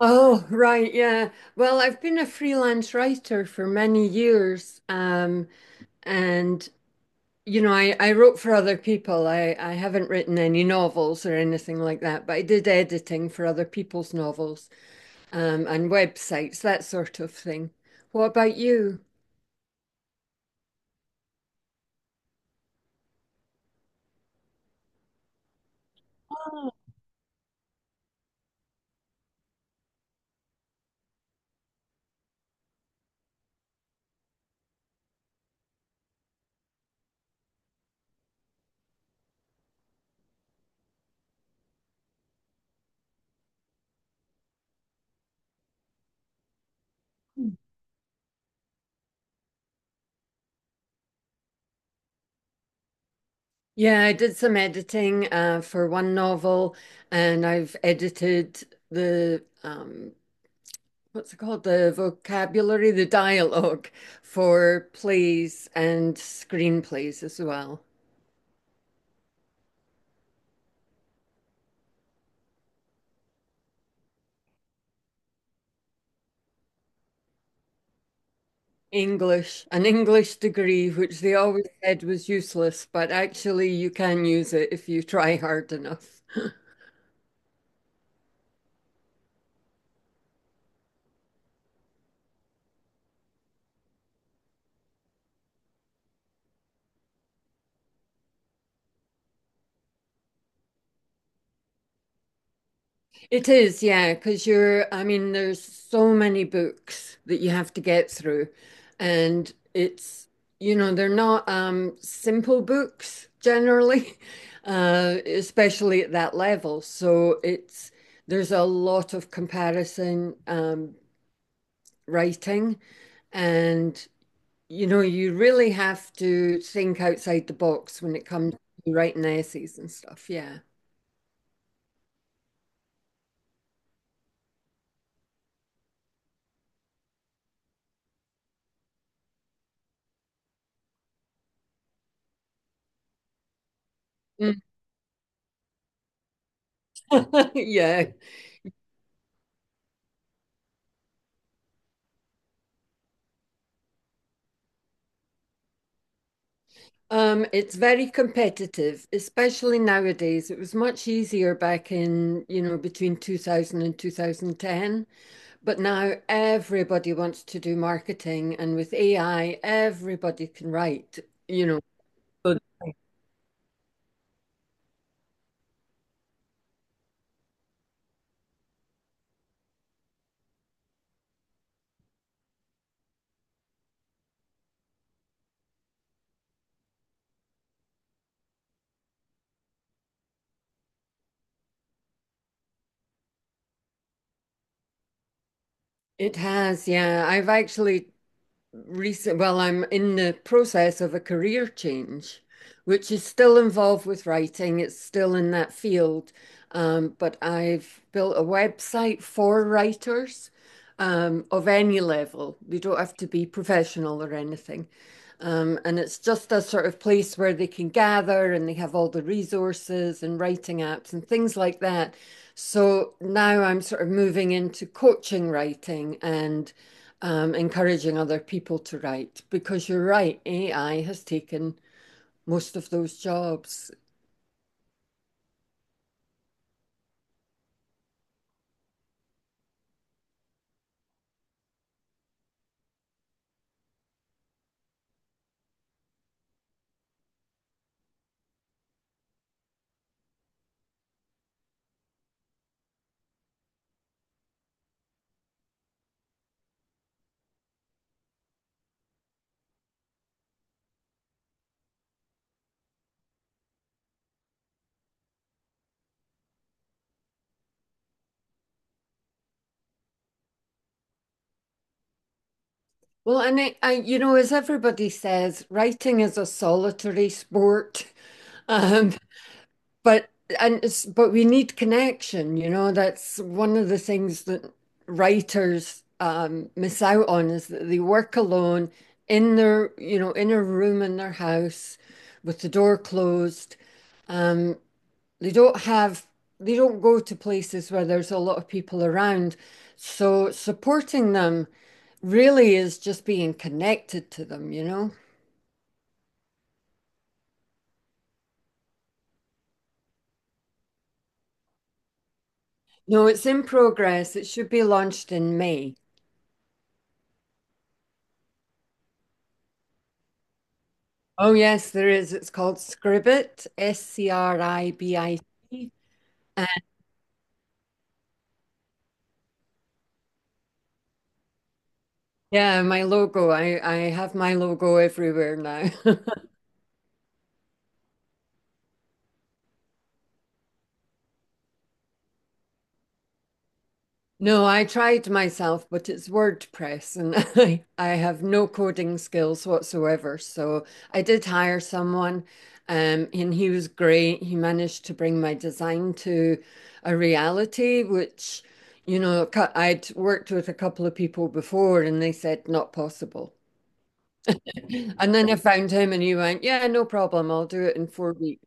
Oh, right, yeah. Well, I've been a freelance writer for many years, and you know, I wrote for other people. I haven't written any novels or anything like that, but I did editing for other people's novels, and websites, that sort of thing. What about you? Yeah, I did some editing, for one novel, and I've edited the what's it called? The vocabulary, the dialogue for plays and screenplays as well. English, an English degree, which they always said was useless, but actually you can use it if you try hard enough. It is, yeah, because I mean, there's so many books that you have to get through, and you know, they're not simple books generally, especially at that level. So there's a lot of comparison writing, and, you know, you really have to think outside the box when it comes to writing essays and stuff. Yeah. Yeah. It's very competitive, especially nowadays. It was much easier back in, you know, between 2000 and 2010. But now everybody wants to do marketing, and with AI, everybody can write, you know. Good. It has, yeah. I've actually well, I'm in the process of a career change, which is still involved with writing. It's still in that field. But I've built a website for writers of any level. You don't have to be professional or anything. And it's just a sort of place where they can gather and they have all the resources and writing apps and things like that. So now I'm sort of moving into coaching writing and encouraging other people to write because you're right, AI has taken most of those jobs. Well, and it, I, you know, as everybody says, writing is a solitary sport, um, but and but we need connection. You know, that's one of the things that writers miss out on is that they work alone in their, you know, in a room in their house with the door closed. Um, They don't have, they don't go to places where there's a lot of people around. So supporting them really is just being connected to them, you know? No, it's in progress. It should be launched in May. Oh, yes, there is. It's called Scribit, S-C-R-I-B-I-T. And yeah, my logo. I have my logo everywhere now. No, I tried myself, but it's WordPress and I have no coding skills whatsoever. So I did hire someone, and he was great. He managed to bring my design to a reality, which, you know, I'd worked with a couple of people before and they said not possible. And then I found him and he went, "Yeah, no problem. I'll do it in 4 weeks."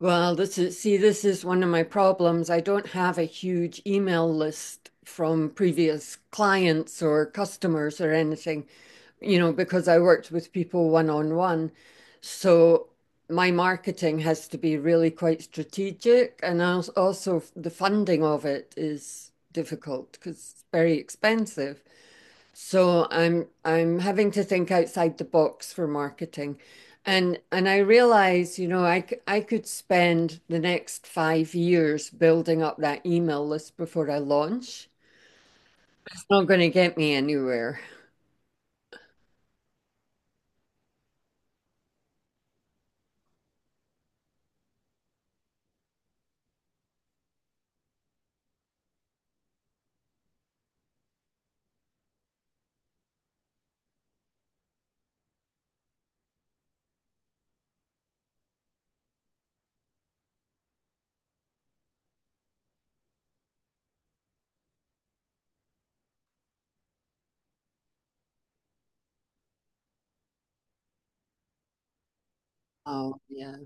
Well, this is, see, this is one of my problems. I don't have a huge email list from previous clients or customers or anything, you know, because I worked with people one on one. So my marketing has to be really quite strategic. And also, the funding of it is difficult because it's very expensive. So I'm having to think outside the box for marketing. And I realize, you know, I could spend the next 5 years building up that email list before I launch. It's not going to get me anywhere. Oh, yeah.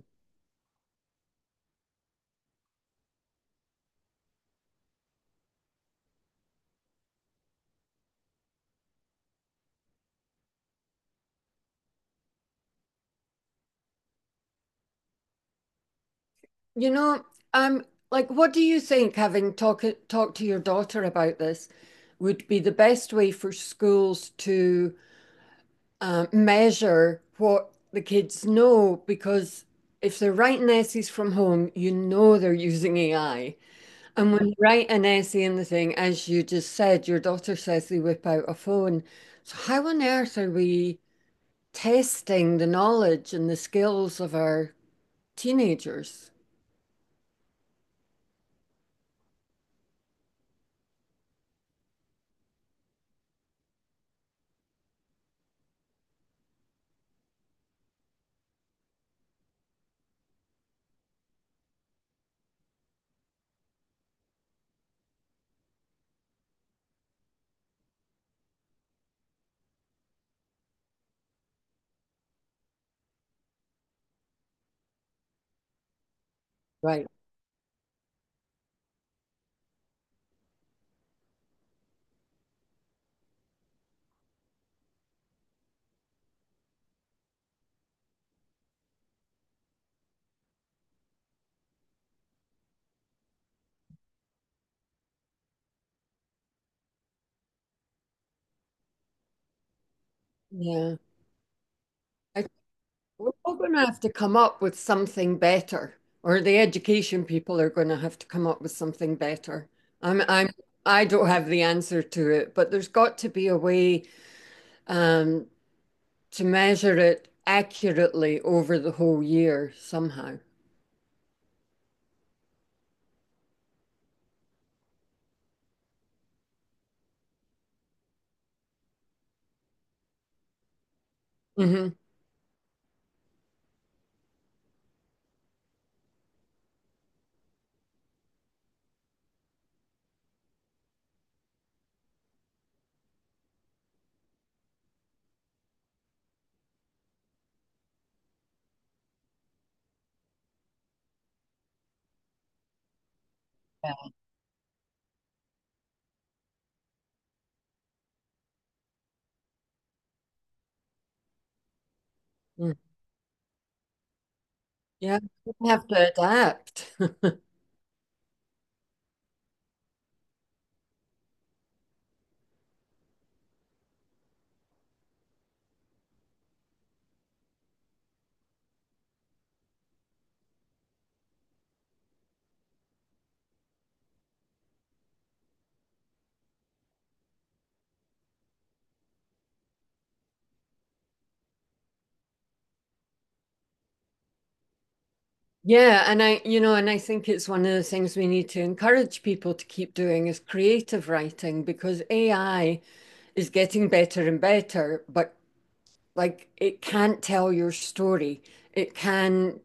You know, um, like, what do you think, having talk to your daughter about this, would be the best way for schools to measure what the kids know because if they're writing essays from home, you know they're using AI. And when you write an essay in the thing, as you just said, your daughter says they whip out a phone. So how on earth are we testing the knowledge and the skills of our teenagers? Right. Yeah. We're all going to have to come up with something better, or the education people are going to have to come up with something better. I'm, I'm, I don't have the answer to it, but there's got to be a way um, to measure it accurately over the whole year somehow. hmm Mm. Yeah, we have to adapt. Yeah, and you know, and I think it's one of the things we need to encourage people to keep doing is creative writing because AI is getting better and better, but like it can't tell your story. It can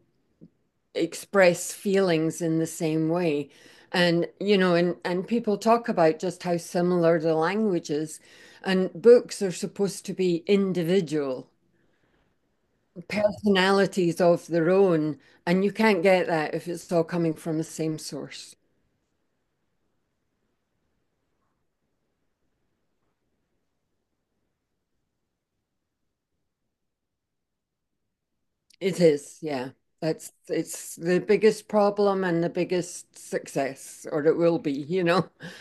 express feelings in the same way. And you know, and people talk about just how similar the language is. And books are supposed to be individual, personalities of their own. And you can't get that if it's all coming from the same source. It is, yeah. That's it's the biggest problem and the biggest success, or it will be, you know.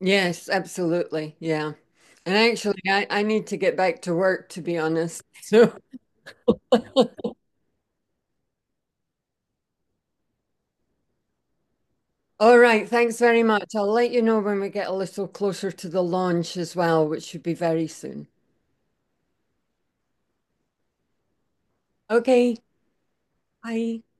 Yes, absolutely. Yeah. And actually, I need to get back to work, to be honest. So, all right, thanks very much. I'll let you know when we get a little closer to the launch as well, which should be very soon. Okay, bye.